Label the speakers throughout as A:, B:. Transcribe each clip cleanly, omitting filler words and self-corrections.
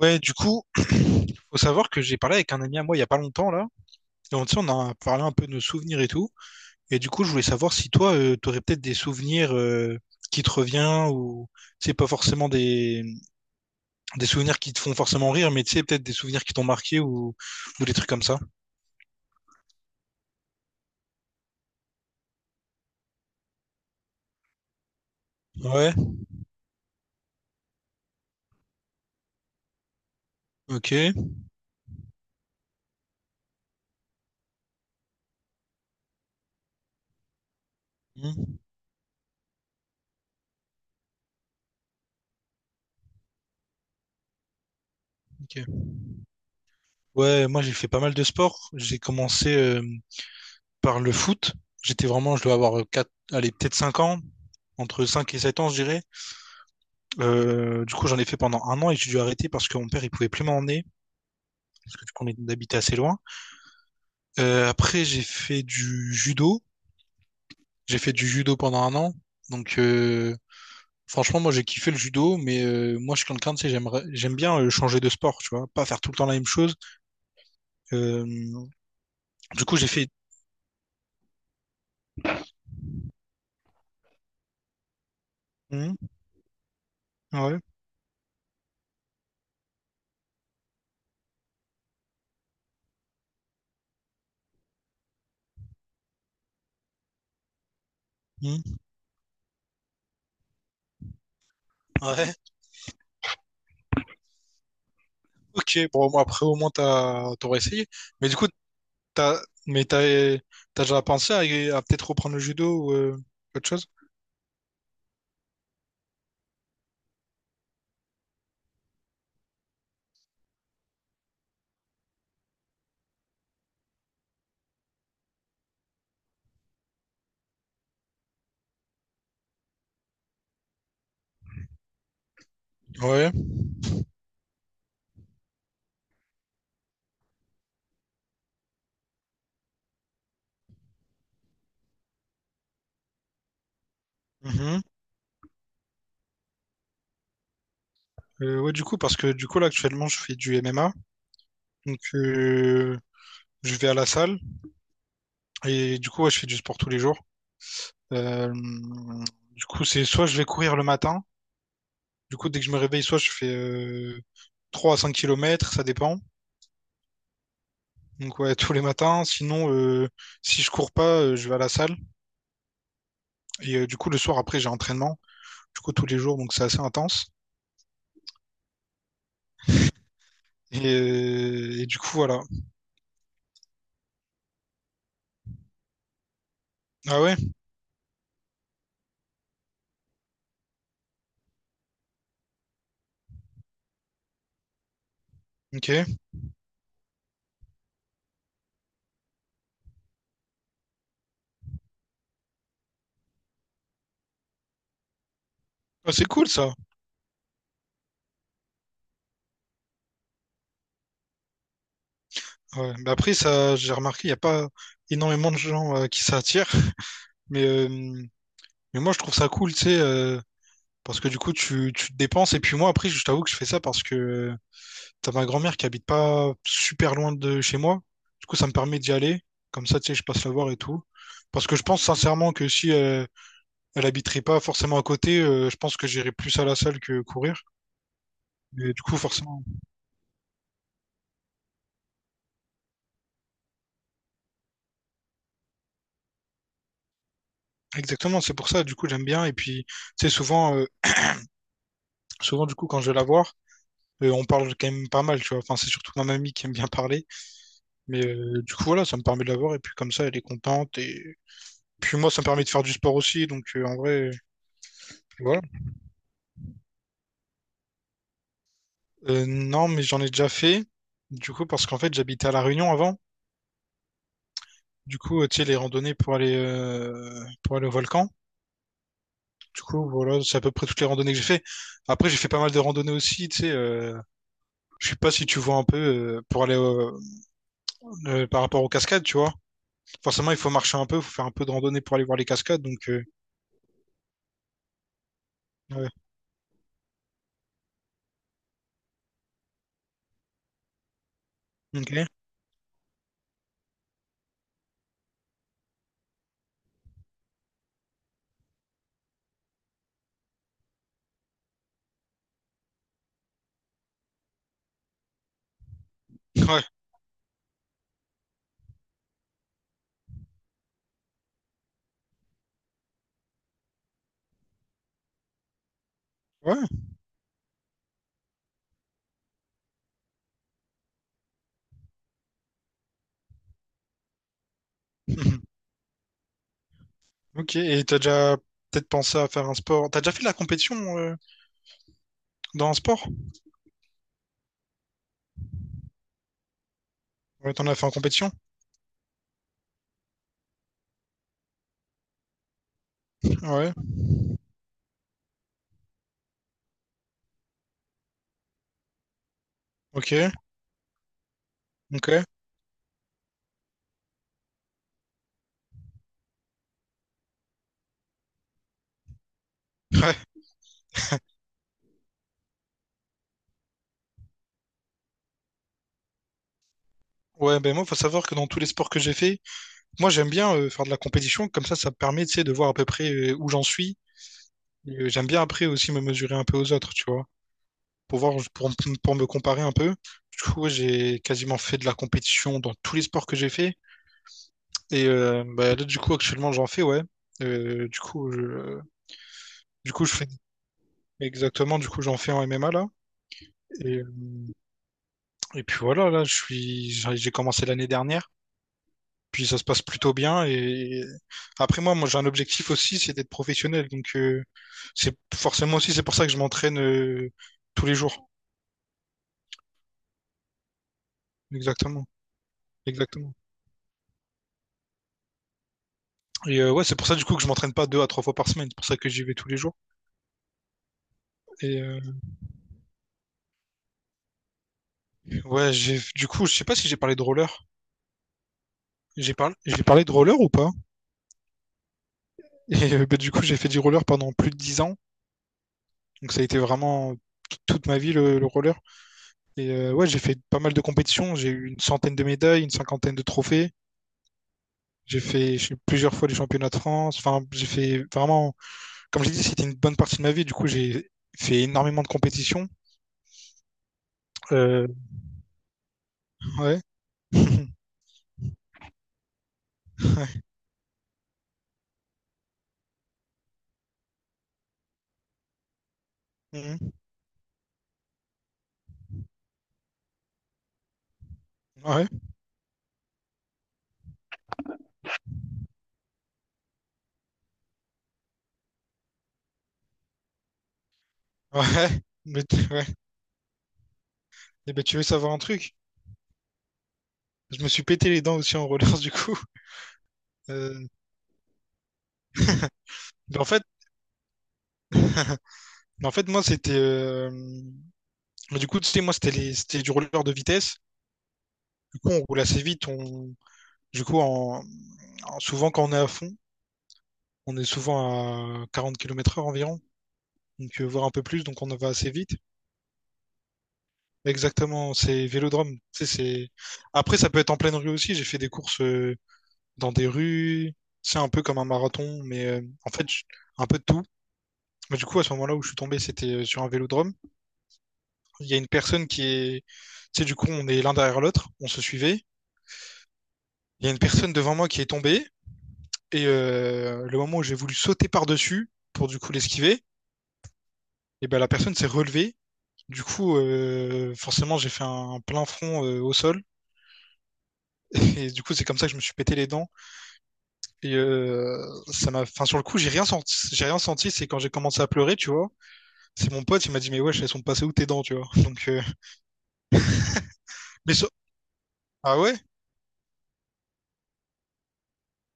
A: Ouais, du coup, faut savoir que j'ai parlé avec un ami à moi il y a pas longtemps là. Et tu sais, on a parlé un peu de nos souvenirs et tout. Et du coup, je voulais savoir si toi, t'aurais peut-être des souvenirs qui te reviennent ou tu sais pas forcément des souvenirs qui te font forcément rire, mais tu sais peut-être des souvenirs qui t'ont marqué ou des trucs comme ça. Ouais. Ok. Hmm, ok. Ouais, moi j'ai fait pas mal de sport. J'ai commencé par le foot. J'étais vraiment, je dois avoir 4, allez peut-être 5 ans, entre 5 et 7 ans, je dirais. Du coup, j'en ai fait pendant un an et j'ai dû arrêter parce que mon père, il pouvait plus m'emmener, parce que du coup, on habitait assez loin. Après, j'ai fait du judo. J'ai fait du judo pendant un an. Donc, franchement, moi, j'ai kiffé le judo, mais moi, je suis quelqu'un, tu sais, j'aime bien changer de sport, tu vois, pas faire tout le temps la même chose. Euh, du coup, j'ai fait... Hmm, ouais, hmm, ouais. Ok, bon, moi, après, au moins, t'aurais essayé. Mais du coup, t'as, mais t'as, t'as déjà pensé à peut-être reprendre le judo ou autre chose? Ouais. Ouais, du coup, parce que du coup, là, actuellement, je fais du MMA. Donc, je vais à la salle et du coup, ouais, je fais du sport tous les jours. Euh, du coup, c'est soit je vais courir le matin. Du coup, dès que je me réveille, soit je fais 3 à 5 kilomètres ça dépend. Donc, ouais, tous les matins. Sinon, si je cours pas, je vais à la salle. Et du coup, le soir, après, j'ai entraînement. Du coup, tous les jours, donc c'est assez intense. Et du coup, voilà. Ah ouais, ok. Ah, c'est cool ça. Ouais, mais après, ça, j'ai remarqué, il n'y a pas énormément de gens qui s'attirent. Mais, euh, mais moi, je trouve ça cool, tu sais, parce que du coup, tu te dépenses. Et puis moi, après, je t'avoue que je fais ça parce que t'as ma grand-mère qui habite pas super loin de chez moi. Du coup, ça me permet d'y aller. Comme ça, tu sais, je passe la voir et tout. Parce que je pense sincèrement que si elle habiterait pas forcément à côté, je pense que j'irais plus à la salle que courir. Et du coup, forcément. Exactement, c'est pour ça. Du coup, j'aime bien. Et puis, tu sais, souvent, du coup, quand je vais la voir, et on parle quand même pas mal, tu vois. Enfin, c'est surtout ma mamie qui aime bien parler. Mais du coup, voilà, ça me permet de la voir et puis comme ça, elle est contente. Et puis moi, ça me permet de faire du sport aussi. Donc en vrai, voilà. Non, mais j'en ai déjà fait. Du coup, parce qu'en fait, j'habitais à La Réunion avant. Du coup, tu sais, les randonnées pour aller au volcan. Du coup, voilà, c'est à peu près toutes les randonnées que j'ai fait. Après, j'ai fait pas mal de randonnées aussi, tu sais. Je sais pas si tu vois un peu par rapport aux cascades, tu vois. Forcément, il faut marcher un peu, il faut faire un peu de randonnée pour aller voir les cascades. Donc, ouais. Ok. Ouais. Ouais. Mhm. Ok. Et t'as déjà peut-être pensé à faire un sport. T'as déjà fait de la compétition dans un sport? Ouais, t'en as fait en compétition? Ouais. Ok. Ok. Ouais. Ouais, ben moi, faut savoir que dans tous les sports que j'ai fait, moi j'aime bien faire de la compétition, comme ça me permet, tu sais, de voir à peu près où j'en suis. J'aime bien après aussi me mesurer un peu aux autres, tu vois, pour voir, pour me comparer un peu. Du coup, ouais, j'ai quasiment fait de la compétition dans tous les sports que j'ai fait. Et bah, là, du coup, actuellement, j'en fais, ouais. Euh, du coup, je Du coup, je fais exactement, du coup, j'en fais en MMA là. Et, et puis voilà, là, j'ai commencé l'année dernière. Puis ça se passe plutôt bien. Et après, moi, j'ai un objectif aussi, c'est d'être professionnel. Donc, c'est forcément aussi, c'est pour ça que je m'entraîne tous les jours. Exactement. Exactement. Et ouais, c'est pour ça, du coup, que je m'entraîne pas deux à trois fois par semaine. C'est pour ça que j'y vais tous les jours. Et ouais, du coup, je sais pas si j'ai parlé de roller. J'ai parlé de roller ou pas? Et bah, du coup, j'ai fait du roller pendant plus de 10 ans. Donc ça a été vraiment toute ma vie le roller. Et ouais, j'ai fait pas mal de compétitions. J'ai eu une centaine de médailles, une cinquantaine de trophées. J'ai eu plusieurs fois les championnats de France. Enfin, j'ai fait vraiment, comme j'ai dit, c'était une bonne partie de ma vie. Du coup, j'ai fait énormément de compétitions. Euh, ouais. Mhm. Ouais. Ouais. Mais, ouais. Et ben, tu veux savoir un truc? Je me suis pété les dents aussi en roller, du coup. Euh, mais en fait, mais en fait, moi, c'était, Mais du coup, tu sais, moi, c'était du roller de vitesse. Du coup, on roule assez vite. Du coup, souvent quand on est à fond, on est souvent à 40 km/h environ, donc voire un peu plus, donc on va assez vite. Exactement, c'est vélodrome. Tu sais. Après, ça peut être en pleine rue aussi. J'ai fait des courses dans des rues. C'est un peu comme un marathon, mais en fait, un peu de tout. Mais du coup, à ce moment-là où je suis tombé, c'était sur un vélodrome. Il y a une personne. Tu sais, du coup, on est l'un derrière l'autre, on se suivait. Il y a une personne devant moi qui est tombée. Le moment où j'ai voulu sauter par-dessus pour du coup l'esquiver, et ben la personne s'est relevée. Du coup, forcément, j'ai fait un plein front au sol. Et du coup, c'est comme ça que je me suis pété les dents. Et ça enfin, sur le coup, j'ai rien senti. J'ai rien senti. C'est quand j'ai commencé à pleurer, tu vois. C'est mon pote, il m'a dit, mais wesh, elles sont passées où tes dents, tu vois. Mais so- ah ouais,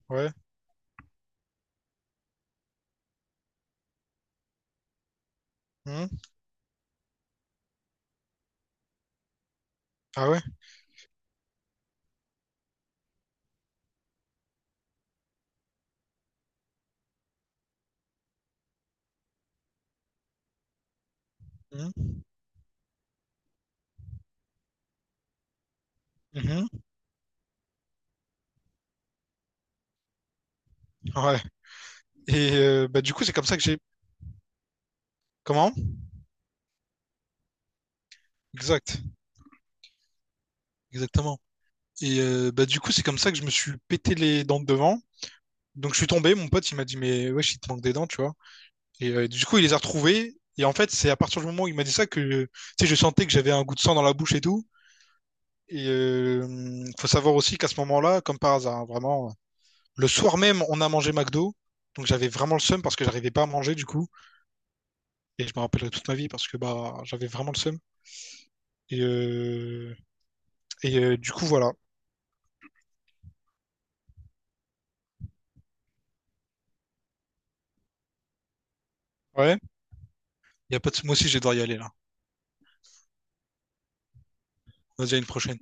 A: ouais, hmm, ah ouais, hmm, mhm, ouais. Et bah du coup, c'est comme ça que j'ai. Comment? Exact, exactement. Et bah, du coup, c'est comme ça que je me suis pété les dents de devant. Donc je suis tombé, mon pote, il m'a dit, mais ouais, il te manque des dents, tu vois. Et du coup, il les a retrouvées. Et en fait, c'est à partir du moment où il m'a dit ça que tu sais, je sentais que j'avais un goût de sang dans la bouche et tout. Et faut savoir aussi qu'à ce moment-là, comme par hasard, hein, vraiment, le soir même, on a mangé McDo. Donc j'avais vraiment le seum parce que j'arrivais pas à manger du coup. Et je me rappellerai toute ma vie parce que bah j'avais vraiment le seum. Et, euh, et du coup, voilà. Ouais. Y a pas de... Moi aussi, je vais devoir y aller là. Vas-y, à une prochaine.